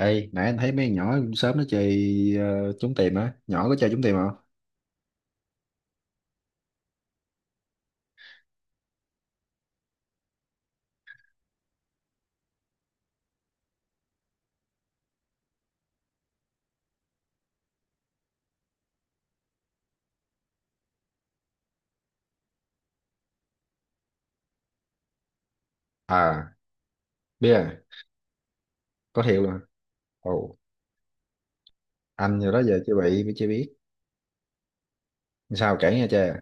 Ê, nãy anh thấy mấy con nhỏ sớm nó chơi trốn tìm á, nhỏ có chơi trốn tìm không? À, biết à, có thiệu luôn. Ồ, anh giờ đó giờ chưa bị mới chưa biết. Sao kể nghe cha.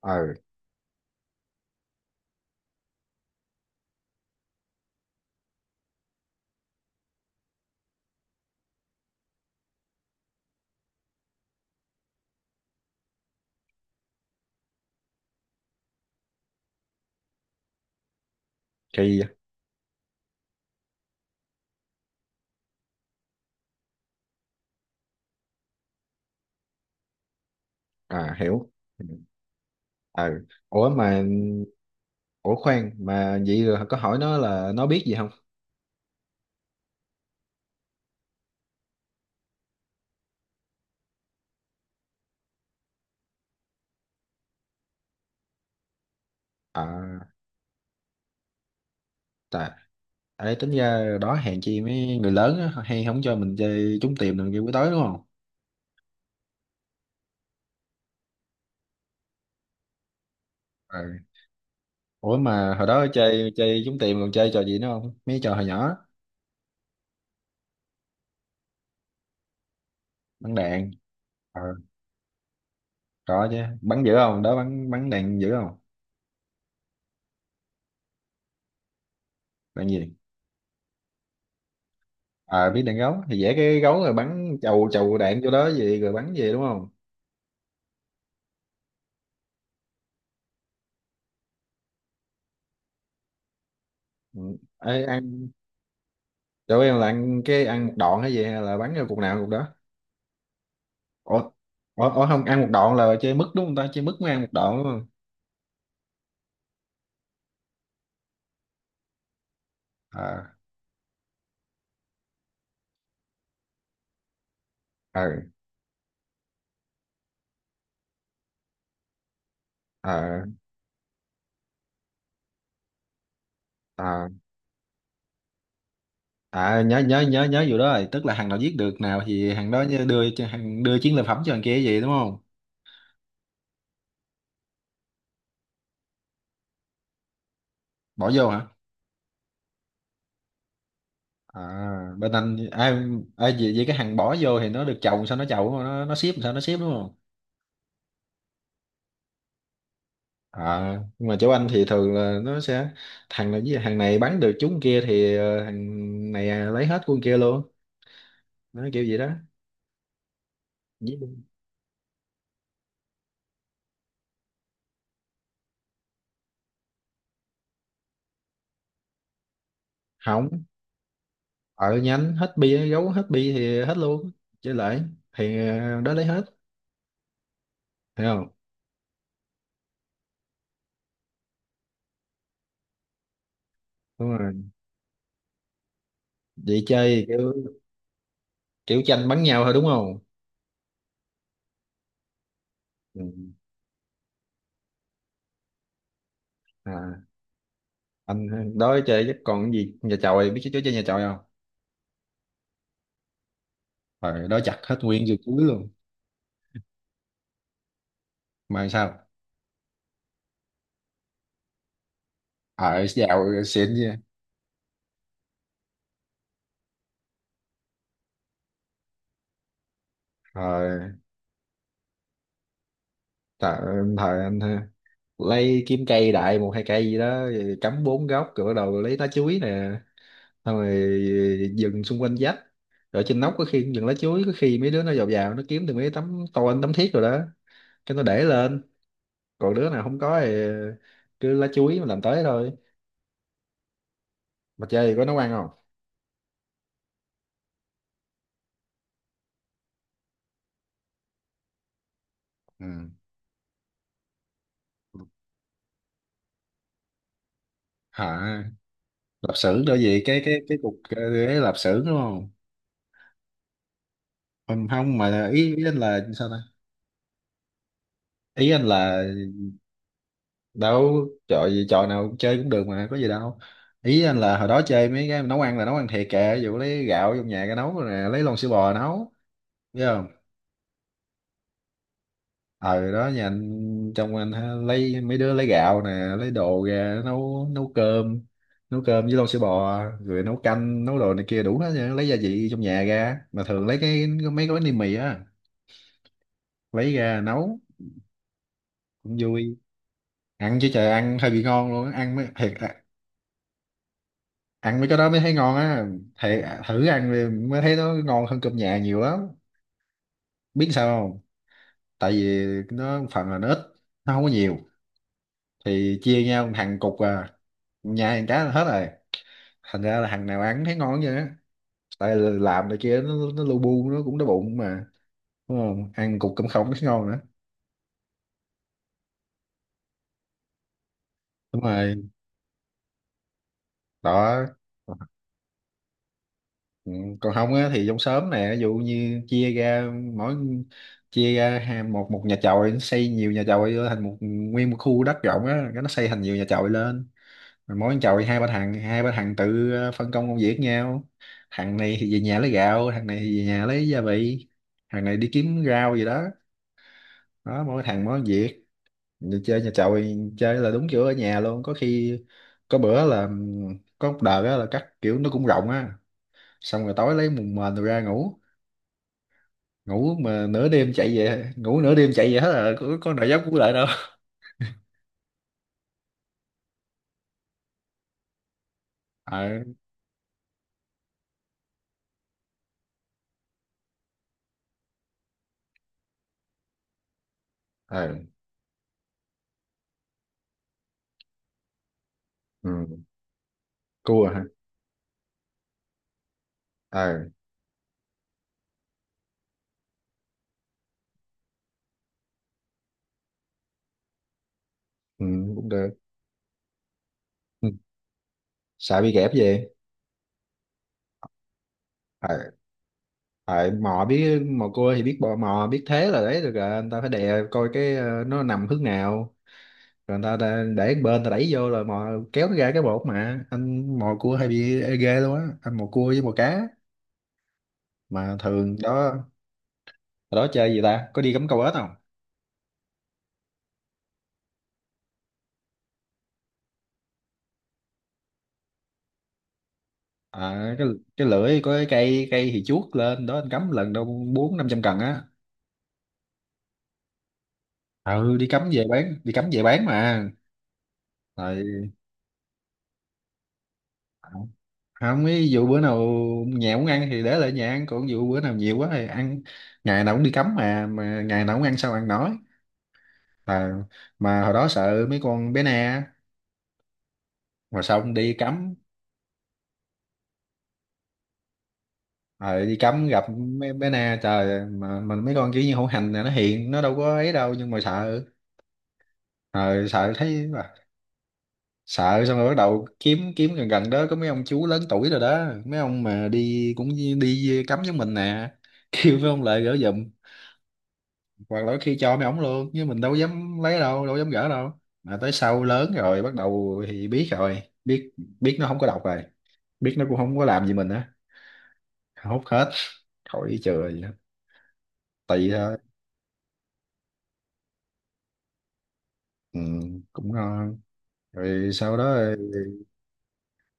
Ờ, kỳ á. À hiểu. Ừ. Ờ, ủa mà ủa khoan mà vậy rồi có hỏi nó là nó biết gì không? À, tại ấy tính ra đó hèn chi mấy người lớn á, hay không cho mình chơi trốn tìm rồi kêu buổi tối đúng không? Ủa mà hồi đó chơi chơi trúng tiền còn chơi trò gì nữa không mấy trò hồi nhỏ. Bắn đạn ờ có chứ, bắn dữ không đó, bắn bắn đạn dữ không? Đạn gì ờ biết đạn gấu thì vẽ cái gấu rồi bắn chầu chầu đạn vô đó gì rồi bắn gì đúng không? Ừ. Ê, ăn chỗ em là ăn cái ăn một đoạn hay gì hay là bắn vô cục nào cục đó? Ủa, ủa không ăn một đoạn là chơi mứt đúng không ta? Chơi mứt mới ăn một đoạn đúng không? Ờ. Ờ. Ờ. Ờ. À, nhớ nhớ nhớ nhớ vụ đó rồi, tức là hàng nào giết được nào thì hàng đó nhớ đưa cho hàng, đưa chiến lợi phẩm cho hàng kia vậy đúng không? Bỏ vô hả? À, bên anh ai? Ai vậy, vậy cái hàng bỏ vô thì nó được chồng sao nó chồng đúng không? Nó ship sao nó ship đúng không? À, nhưng mà chỗ anh thì thường là nó sẽ thằng này với hàng này bán được chúng kia thì hàng này lấy hết của con kia luôn. Nó kiểu vậy đó. Giết luôn. Không, ở nhánh hết bia gấu hết bia thì hết luôn, chơi lại thì đó lấy hết, hiểu không? Đúng rồi. Vậy chơi kiểu kiểu tranh bắn nhau thôi đúng không? Ừ. À, anh đó chơi chắc còn cái gì nhà chòi, biết chơi chơi nhà chòi không? Rồi đó chặt hết nguyên dưa chuối luôn. Mà sao? Ờ, giàu xịn chứ. Rồi, thời, thời anh ha, lấy kiếm cây đại một hai cây gì đó rồi cắm bốn góc rồi bắt đầu lấy lá chuối nè. Xong rồi dừng xung quanh vách. Rồi trên nóc có khi cũng dừng lá chuối, có khi mấy đứa nó vào vào nó kiếm được mấy tấm tôn tấm thiết rồi đó, cái nó để lên. Còn đứa nào không có thì cứ lá chuối mà làm tới thôi. Mà chơi thì có nấu ăn không? Ừ. Hả? Lạp xưởng đó gì cái cục ấy lạp xưởng đúng không? Không, không, mà ý anh là sao ta. Ý anh là đâu, trò gì trò nào cũng chơi cũng được mà có gì đâu. Ý anh là hồi đó chơi mấy cái nấu ăn là nấu ăn thiệt kìa, ví dụ lấy gạo trong nhà cái nấu rồi nè, lấy lon sữa bò nấu, biết không? Ờ, đó nhà anh trong anh ha, lấy mấy đứa lấy gạo nè, lấy đồ ra nấu, nấu cơm, nấu cơm với lon sữa bò rồi nấu canh nấu đồ này kia đủ hết trơn, lấy gia vị trong nhà ra mà thường lấy cái mấy gói ni mì á lấy ra nấu. Cũng vui. Ăn chứ trời, ăn hơi bị ngon luôn á. Ăn mới thiệt à, ăn mấy cái đó mới thấy ngon á. Thiệt à, thử ăn đi mới thấy nó ngon hơn cơm nhà nhiều lắm. Biết sao không? Tại vì nó phần là nó ít, nó không có nhiều thì chia nhau thằng cục à, nhà thằng cá là hết rồi. Thành ra là thằng nào ăn thấy ngon vậy á, tại là làm này kia nó lu bu nó cũng đói bụng mà, đúng không? Ăn cục cơm không thấy ngon nữa. Đúng rồi. Đó. Ừ, còn không á thì trong xóm nè ví dụ như chia ra mỗi, chia ra ha- một một nhà chòi nó xây nhiều nhà chòi vô thành một nguyên một khu đất rộng á, cái nó xây thành nhiều nhà chòi lên. Rồi mỗi nhà chòi hai ba thằng, hai ba thằng tự phân công công việc nhau. Thằng này thì về nhà lấy gạo, thằng này thì về nhà lấy gia vị, thằng này đi kiếm rau gì đó. Đó mỗi thằng mỗi việc. Đi chơi nhà chậu chơi là đúng kiểu ở nhà luôn có khi. Có bữa là có một đợt á là cắt kiểu nó cũng rộng á. Xong rồi tối lấy mùng mền rồi ra ngủ. Ngủ mà nửa đêm chạy về, ngủ nửa đêm chạy về hết là có nào dám cũng lại đâu. Ờ. Ờ. Ừ. Cua hả? Ờ. Ừ, cũng được. Ừ. Sợ bị kẹp về. Ờ. Ờ, mò biết mò cua thì biết bò mò biết thế là đấy được rồi, anh ta phải đè coi cái nó nằm hướng nào. Rồi người ta, ta để một bên ta đẩy vô rồi mò kéo nó ra, cái bột mà anh mò cua hay bị ê ghê luôn á, anh mò cua với mò cá mà thường đó. Hồi đó chơi gì ta, có đi cắm câu ếch không? À, cái lưỡi có cái cây cây thì chuốt lên đó anh cắm lần đâu bốn năm trăm cần á. Ừ, đi cắm về bán, đi cắm về bán mà. Rồi không, ví dụ bữa nào nhà muốn ăn thì để lại nhà ăn, còn dụ bữa nào nhiều quá thì ăn. Ngày nào cũng đi cắm mà ngày nào cũng ăn sao ăn nói. À, mà hồi đó sợ mấy con bé nè, rồi xong đi cắm. Ờ, đi cắm gặp mấy bé na, trời mà mình mấy con kiểu như hổ hành này nó hiền nó đâu có ấy đâu nhưng mà sợ. Ờ, sợ thấy mà. Sợ xong rồi bắt đầu kiếm, kiếm gần gần đó có mấy ông chú lớn tuổi rồi đó, mấy ông mà đi cũng như đi cắm với mình nè kêu mấy ông lại gỡ giùm. Hoặc là khi cho mấy ổng luôn, nhưng mình đâu dám lấy đâu, đâu dám gỡ đâu, mà tới sau lớn rồi bắt đầu thì biết rồi, biết biết nó không có độc rồi, biết nó cũng không có làm gì mình á, hút hết, khỏi chừa gì hết. Tỳ thôi. Ừ, cũng ngon. Rồi sau đó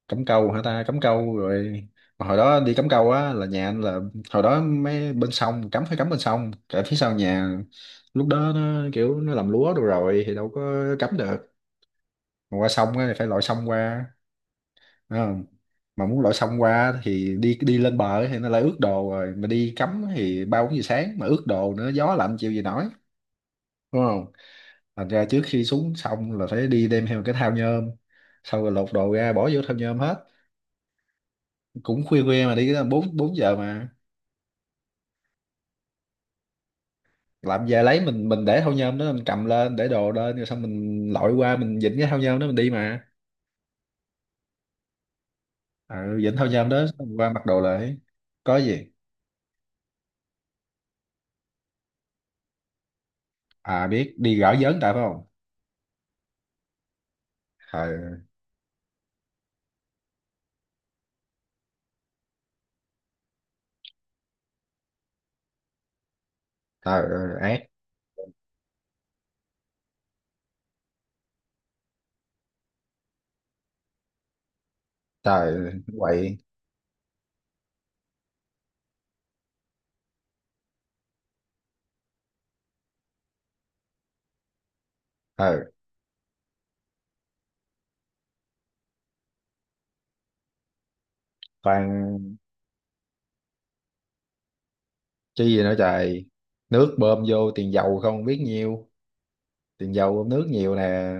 cắm câu hả ta, cắm câu rồi. Mà hồi đó đi cắm câu á là nhà anh là hồi đó mấy bên sông cắm phải cắm bên sông cả phía sau nhà, lúc đó nó kiểu nó làm lúa đồ rồi thì đâu có cắm được. Mà qua sông á thì phải lội sông qua, đúng không? Mà muốn lội sông qua thì đi đi lên bờ thì nó lại ướt đồ rồi, mà đi cắm thì 3-4 giờ sáng mà ướt đồ nữa gió lạnh chịu gì nổi. Đúng. Thành ra trước khi xuống xong là phải đi đem theo một cái thao nhôm, xong rồi lột đồ ra bỏ vô thao nhôm hết. Cũng khuya khuya mà đi tới bốn 4 giờ mà. Làm về lấy mình để thao nhôm đó mình cầm lên để đồ lên rồi xong mình lội qua mình vịnh cái thao nhôm đó mình đi mà. Ừ, vịnh thao nhôm đó xong qua mặc đồ lại. Có gì? À, biết đi gõ vớn tại phải không? Trời. Trời ơi, ác. Trời. Quậy. Trời. Toàn. Chi gì nữa trời. Nước bơm vô tiền dầu không biết nhiêu, tiền dầu nước nhiều nè.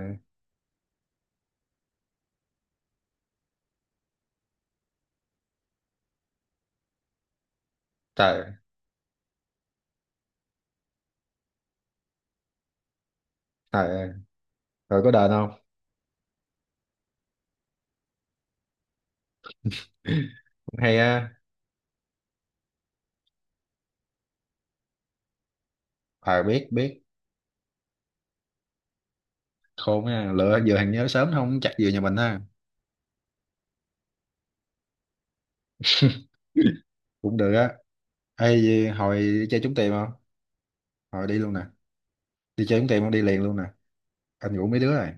Trời. Ờ, rồi có đền không? Cũng hay á. À, biết biết. Khôn á, lựa giờ thằng nhớ sớm không chắc vừa nhà mình ha. Cũng được á. Ê gì, hồi đi chơi trúng tiền không? Hồi đi luôn nè. Đi chơi trúng tiền không đi liền luôn nè. Anh ngủ mấy đứa rồi.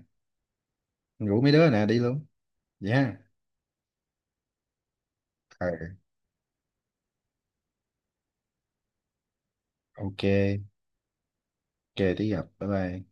Anh ngủ mấy đứa rồi nè, đi luôn. Vậy ha? Ờ, ok ok tí gặp bye bye.